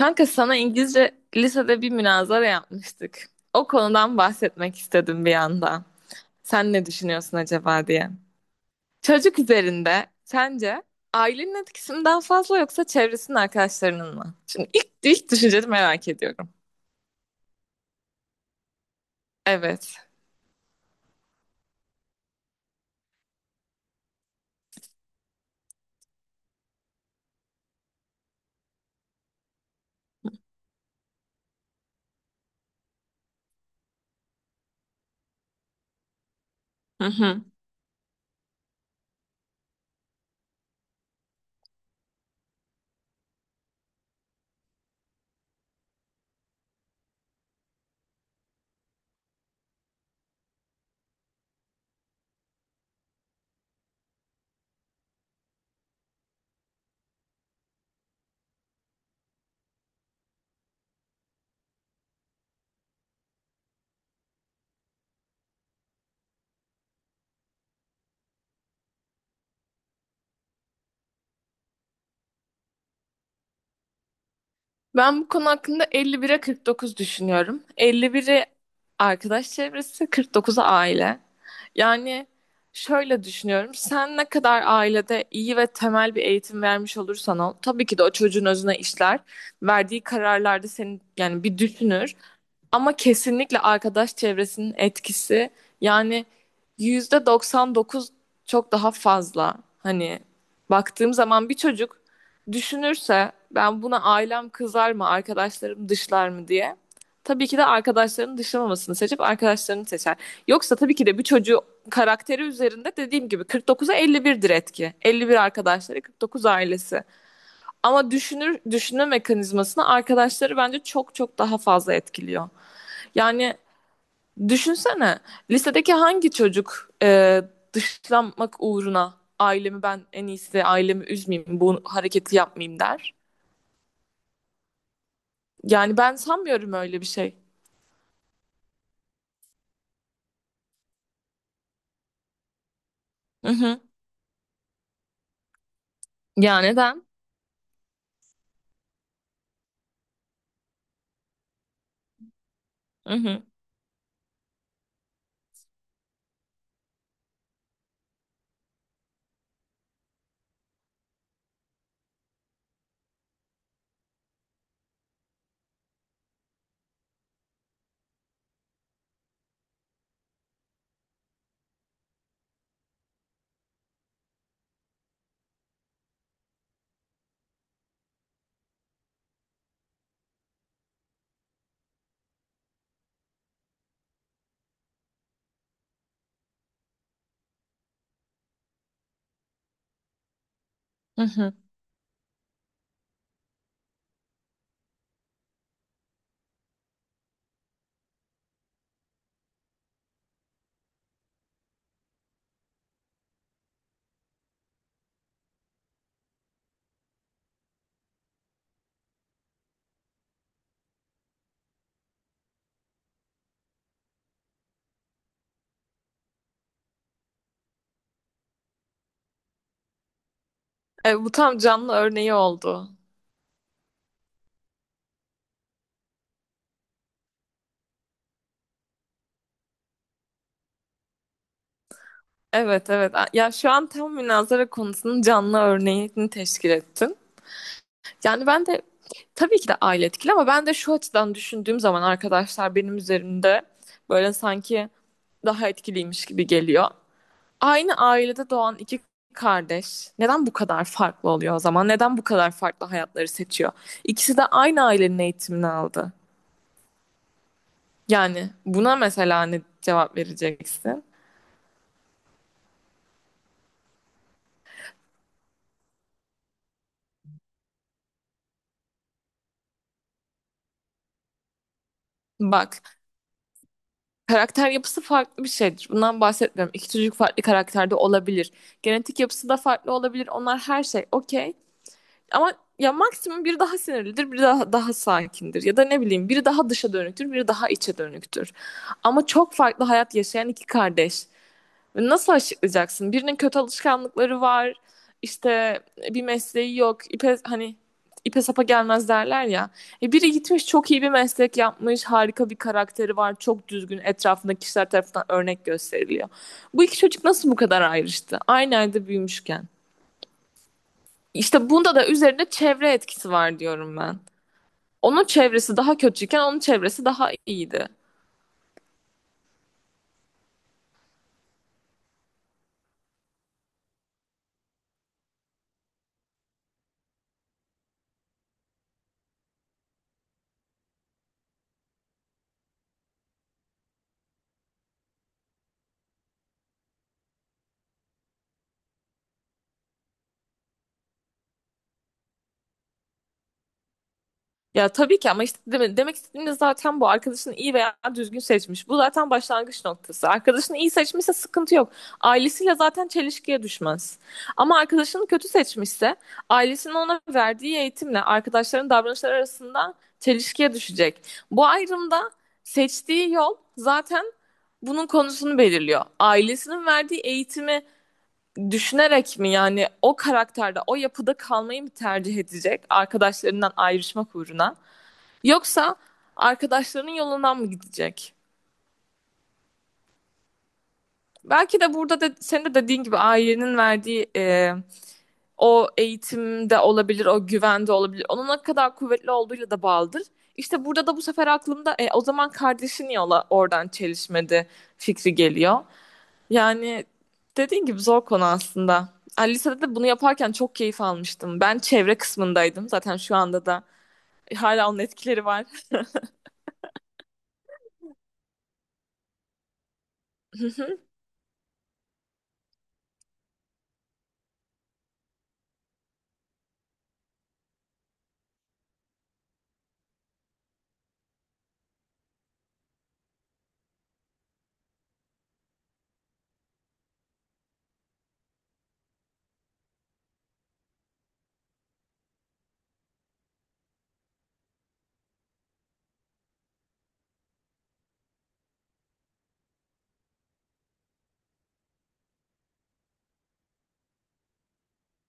Kanka sana İngilizce lisede bir münazara yapmıştık. O konudan bahsetmek istedim bir yandan. Sen ne düşünüyorsun acaba diye. Çocuk üzerinde sence ailenin etkisi mi daha fazla yoksa çevresinin arkadaşlarının mı? Şimdi ilk düşünceni merak ediyorum. Evet. Hı hı. Ben bu konu hakkında 51'e 49 düşünüyorum. 51'i arkadaş çevresi, 49'u aile. Yani şöyle düşünüyorum. Sen ne kadar ailede iyi ve temel bir eğitim vermiş olursan ol, tabii ki de o çocuğun özüne işler. Verdiği kararlarda seni yani bir düşünür. Ama kesinlikle arkadaş çevresinin etkisi yani %99 çok daha fazla. Hani baktığım zaman bir çocuk düşünürse ben buna ailem kızar mı, arkadaşlarım dışlar mı diye. Tabii ki de arkadaşlarının dışlamamasını seçip arkadaşlarını seçer. Yoksa tabii ki de bir çocuğu karakteri üzerinde dediğim gibi 49'a 51'dir etki. 51 arkadaşları, 49 ailesi. Ama düşünür, düşünme mekanizmasını arkadaşları bence çok çok daha fazla etkiliyor. Yani düşünsene lisedeki hangi çocuk dışlanmak uğruna ailemi ben en iyisi ailemi üzmeyeyim bu hareketi yapmayayım der. Yani ben sanmıyorum öyle bir şey. Hı hı. Ya neden? Hı hı. Hı hı. E, bu tam canlı örneği oldu. Evet, evet. Ya şu an tam münazara konusunun canlı örneğini teşkil ettin. Yani ben de tabii ki de aile etkili ama ben de şu açıdan düşündüğüm zaman arkadaşlar benim üzerimde böyle sanki daha etkiliymiş gibi geliyor. Aynı ailede doğan iki kardeş neden bu kadar farklı oluyor o zaman? Neden bu kadar farklı hayatları seçiyor? İkisi de aynı ailenin eğitimini aldı. Yani buna mesela ne cevap vereceksin? Bak, karakter yapısı farklı bir şeydir. Bundan bahsetmiyorum. İki çocuk farklı karakterde olabilir. Genetik yapısı da farklı olabilir. Onlar her şey okey. Ama ya maksimum biri daha sinirlidir, biri daha sakindir ya da ne bileyim biri daha dışa dönüktür, biri daha içe dönüktür. Ama çok farklı hayat yaşayan iki kardeş. Ve nasıl açıklayacaksın? Birinin kötü alışkanlıkları var, işte bir mesleği yok, hani ipe sapa gelmez derler ya. E biri gitmiş çok iyi bir meslek yapmış, harika bir karakteri var, çok düzgün, etrafındaki kişiler tarafından örnek gösteriliyor. Bu iki çocuk nasıl bu kadar ayrıştı? Aynı evde büyümüşken. İşte bunda da üzerinde çevre etkisi var diyorum ben. Onun çevresi daha kötüyken onun çevresi daha iyiydi. Ya tabii ki, ama işte demek istediğim de zaten bu arkadaşını iyi veya düzgün seçmiş. Bu zaten başlangıç noktası. Arkadaşını iyi seçmişse sıkıntı yok. Ailesiyle zaten çelişkiye düşmez. Ama arkadaşını kötü seçmişse ailesinin ona verdiği eğitimle arkadaşların davranışları arasında çelişkiye düşecek. Bu ayrımda seçtiği yol zaten bunun konusunu belirliyor. Ailesinin verdiği eğitimi düşünerek mi yani o karakterde, o yapıda kalmayı mı tercih edecek arkadaşlarından ayrışmak uğruna? Yoksa arkadaşlarının yolundan mı gidecek? Belki de burada da senin de dediğin gibi ailenin verdiği o eğitimde olabilir, o güvende olabilir. Onun ne kadar kuvvetli olduğuyla da bağlıdır. İşte burada da bu sefer aklımda o zaman kardeşin yola oradan çelişmedi fikri geliyor. Yani dediğin gibi zor konu aslında. Yani lisede de bunu yaparken çok keyif almıştım. Ben çevre kısmındaydım. Zaten şu anda da hala onun etkileri var.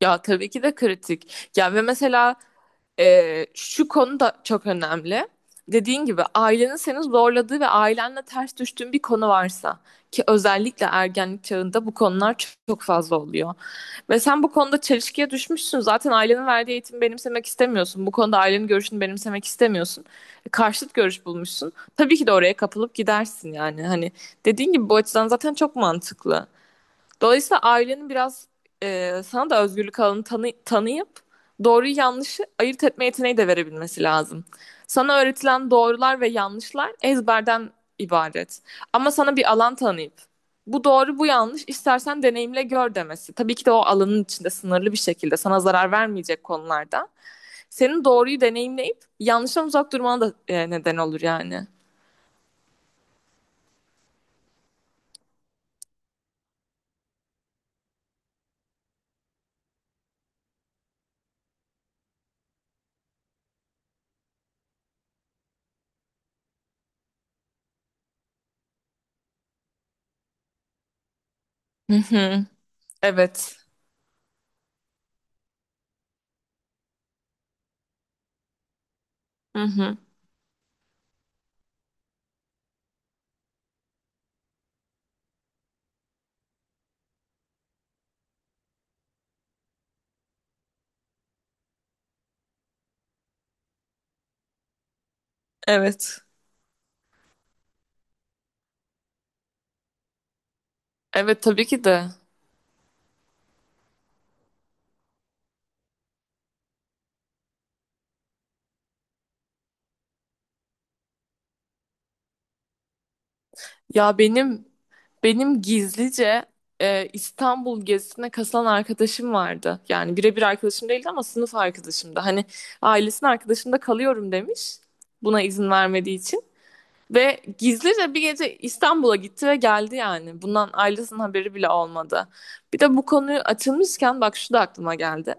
Ya tabii ki de kritik. Ya ve mesela şu konu da çok önemli. Dediğin gibi ailenin seni zorladığı ve ailenle ters düştüğün bir konu varsa ki özellikle ergenlik çağında bu konular çok, çok fazla oluyor. Ve sen bu konuda çelişkiye düşmüşsün. Zaten ailenin verdiği eğitimi benimsemek istemiyorsun. Bu konuda ailenin görüşünü benimsemek istemiyorsun. E, karşıt görüş bulmuşsun. Tabii ki de oraya kapılıp gidersin yani. Hani dediğin gibi bu açıdan zaten çok mantıklı. Dolayısıyla ailenin biraz sana da özgürlük alanı tanıyıp doğruyu yanlışı ayırt etme yeteneği de verebilmesi lazım. Sana öğretilen doğrular ve yanlışlar ezberden ibaret. Ama sana bir alan tanıyıp bu doğru bu yanlış istersen deneyimle gör demesi. Tabii ki de o alanın içinde sınırlı bir şekilde sana zarar vermeyecek konularda. Senin doğruyu deneyimleyip yanlıştan uzak durmana da neden olur yani. Hı hı. Evet. Hı hı. Evet. Evet, tabii ki de. Ya benim gizlice İstanbul gezisine katılan arkadaşım vardı. Yani birebir arkadaşım değildi ama sınıf arkadaşımdı. Hani ailesinin arkadaşımda kalıyorum demiş. Buna izin vermediği için. Ve gizlice bir gece İstanbul'a gitti ve geldi yani. Bundan ailesinin haberi bile olmadı. Bir de bu konuyu açılmışken bak şu da aklıma geldi.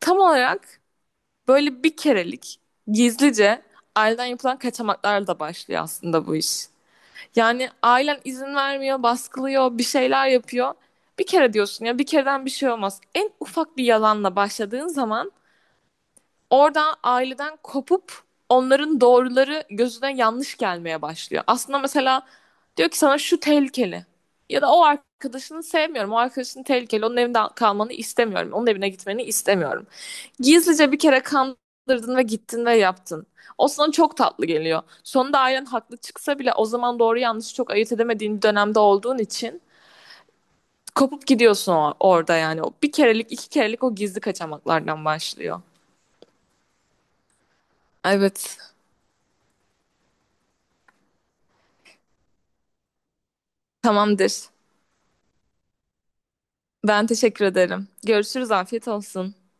Tam olarak böyle bir kerelik gizlice aileden yapılan kaçamaklarla da başlıyor aslında bu iş. Yani ailen izin vermiyor, baskılıyor, bir şeyler yapıyor. Bir kere diyorsun ya, bir kereden bir şey olmaz. En ufak bir yalanla başladığın zaman orada aileden kopup onların doğruları gözüne yanlış gelmeye başlıyor. Aslında mesela diyor ki sana şu tehlikeli. Ya da o arkadaşını sevmiyorum. O arkadaşın tehlikeli. Onun evinde kalmanı istemiyorum. Onun evine gitmeni istemiyorum. Gizlice bir kere kandırdın ve gittin ve yaptın. O sana çok tatlı geliyor. Sonunda ailen haklı çıksa bile o zaman doğru yanlışı çok ayırt edemediğin bir dönemde olduğun için kopup gidiyorsun orada yani. O bir kerelik, iki kerelik o gizli kaçamaklardan başlıyor. Evet, tamamdır. Ben teşekkür ederim. Görüşürüz, afiyet olsun.